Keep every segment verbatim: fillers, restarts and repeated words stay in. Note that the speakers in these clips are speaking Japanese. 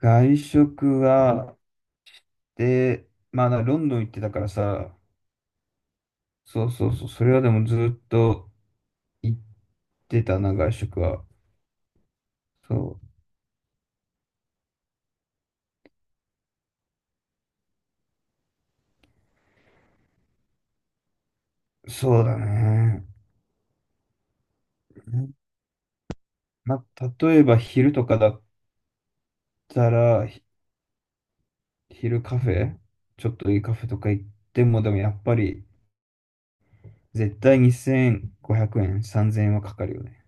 外食は、で、まあ、なロンドン行ってたからさ、そうそうそう、それはでもずっと行ってたな、外食は。そう、そうだね。まあ、例えば昼とかだったら、ひ昼カフェ、ちょっといいカフェとか行っても、でもやっぱり、絶対にせんごひゃくえん、さんぜんえんはかかるよね。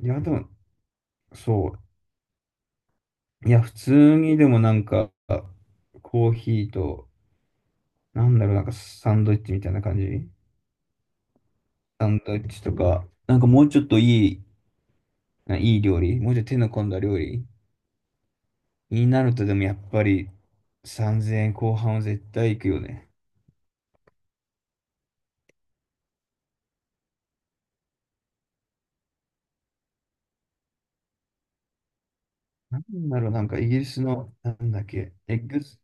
いや、でも、そう。いや、普通にでもなんか、コーヒーと、なんだろう、なんかサンドイッチみたいな感じ。サンドイッチとか、なんかもうちょっといい、ないい料理、もうちょっと手の込んだ料理になるとでもやっぱりさんぜんえん半は絶対行くよね。なんだろう、なんかイギリスの、なんだっけ、エッグス、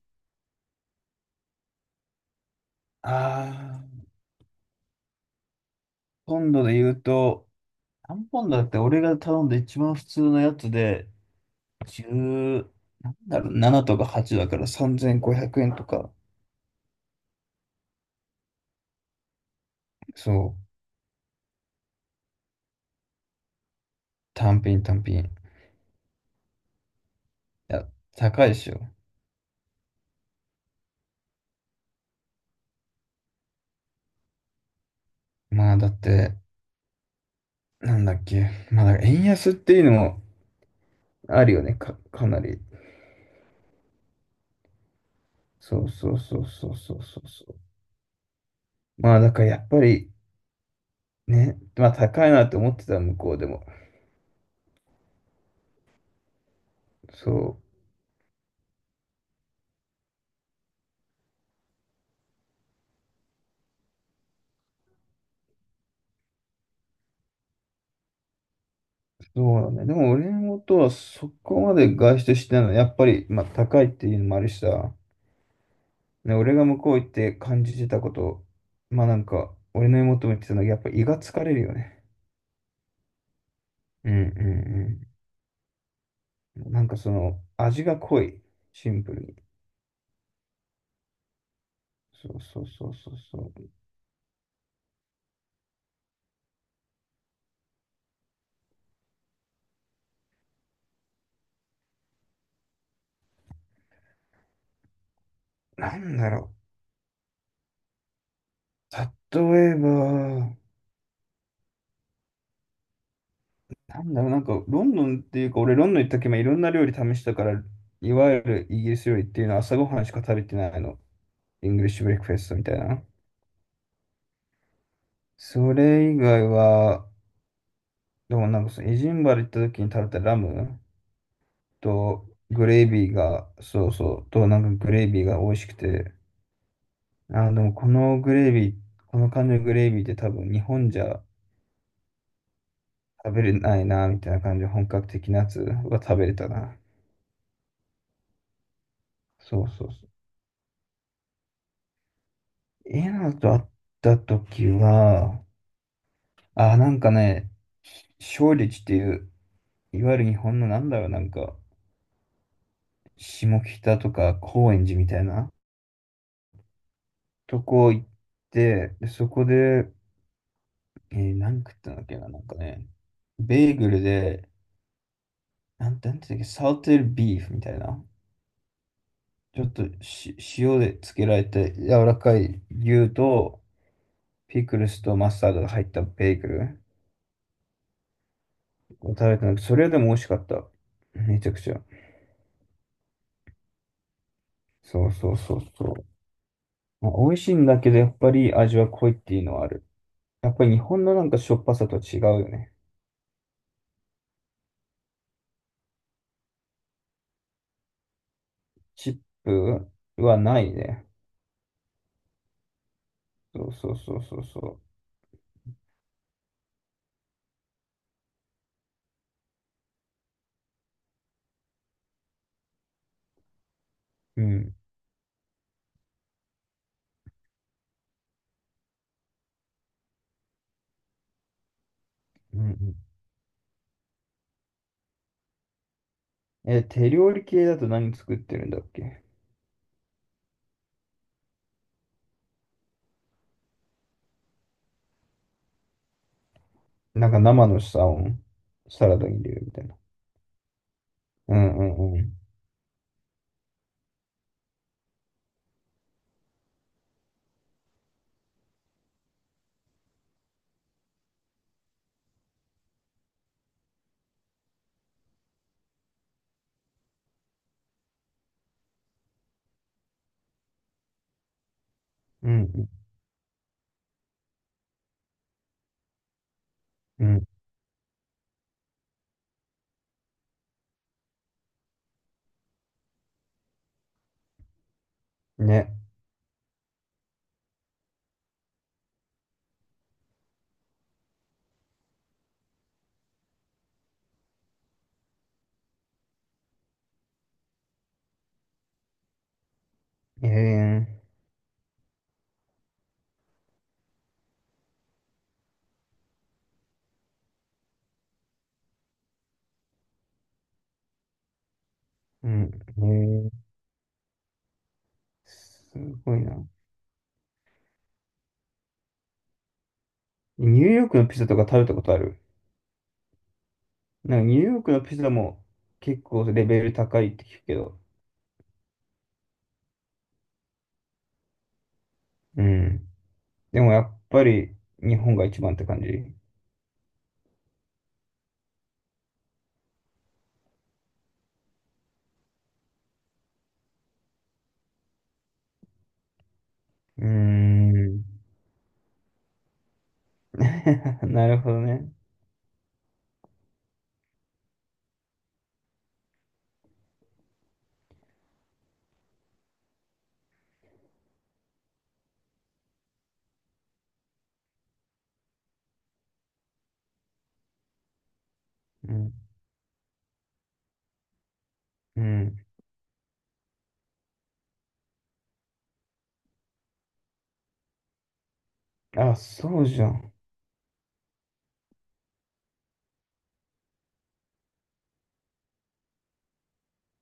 あー、ポンドで言うと、何ポンドだって俺が頼んで一番普通のやつで、いちなんだろう、ななとかはちだからさんぜんごひゃくえんとか、そう、単品単品。いや、高いでしょ。まあだって、なんだっけ。まあ、だから円安っていうのもあるよね。か、かなり。そうそうそうそうそうそうそう。まあ、だからやっぱりね、まあ高いなって思ってた、向こうでも。そう、そうだね。でも俺のことはそこまで外出してないのは、やっぱり、まあ高いっていうのもあるしさ、ね、俺が向こう行って感じてたこと、まあなんか、俺の妹も言ってたのは、やっぱ胃が疲れるよね。うんうんうん。なんかその、味が濃い。シンプルに。そうそうそうそうそう。なんだろう。例えば、なんだろう、なんか、ロンドンっていうか、俺、ロンドン行った時もいろんな料理試したから、いわゆるイギリス料理っていうのは朝ごはんしか食べてないの。イングリッシュブレックフェストみたいな。それ以外は、でもなんかその、エジンバル行った時に食べたラムと、グレービーが、そうそう、と、なんかグレービーが美味しくて、あー、でもこのグレービー、この感じのグレービーって多分日本じゃ食べれないな、みたいな感じで本格的なやつは食べれたな。そうそうそう。エナと会った時は、あ、なんかね、勝立っていう、いわゆる日本のなんだろう、なんか、下北とか高円寺みたいなとこ行って、でそこで、えー、何食ったんだっけな、なんかね、ベーグルで、なん、なんていうんだっけ、サウテルビーフみたいな、ちょっとし塩でつけられて柔らかい牛と、ピクルスとマスタードが入ったベーグル。食べてなくて、それでも美味しかった。めちゃくちゃ。そうそうそうそう。まあ、美味しいんだけど、やっぱり味は濃いっていうのはある。やっぱり日本のなんかしょっぱさと違うよね。チップはないね。そうそうそうそうそう。うん。うんうん。え、手料理系だと何作ってるんだっけ？なんか生のサーモン、サラダに入れるみたいな。うんうんうん。うんうんうん。ね。えー、うん。えー、すごいな。ニューヨークのピザとか食べたことある？なんかニューヨークのピザも結構レベル高いって聞くけど。うん。でもやっぱり日本が一番って感じ。うーん。なるほどね。うん。うん。あ、そうじゃん。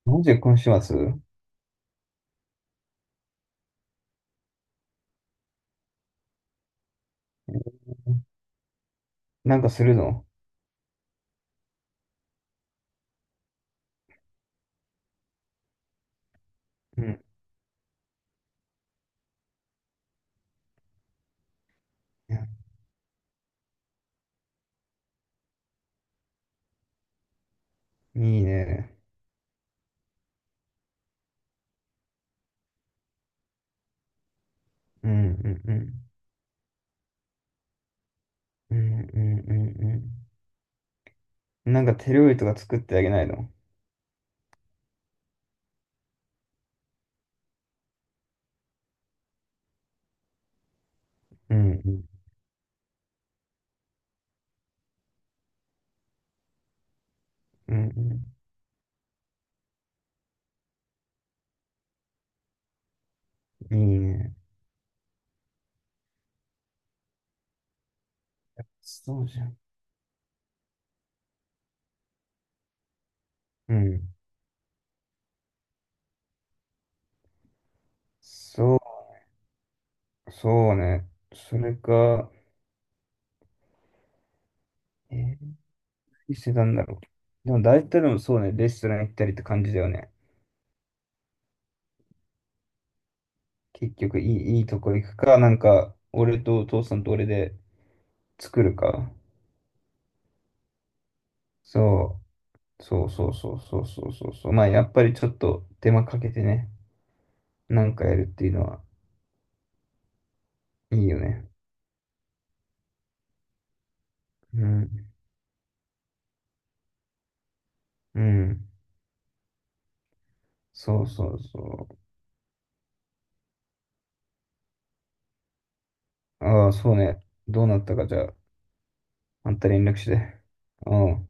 なんで今週末なんかするの？うん。いいね。うんうんうん。うんうんうんうん。なんか手料理とか作ってあげないの？うんうん。うんうん。いいね。そうじゃん。うん。そうそうね。それか、えー、何してたんだろう。でも大体でもそうね、レストラン行ったりって感じだよね。結局いい、いいとこ行くか、なんか、俺とお父さんと俺で作るか。そう、そうそうそうそうそうそうそう。まあ、やっぱりちょっと手間かけてね、なんかやるっていうのはいいよね。うん、うん。そうそうそう。ああ、そうね。どうなったか、じゃあ、あんた連絡して。うん。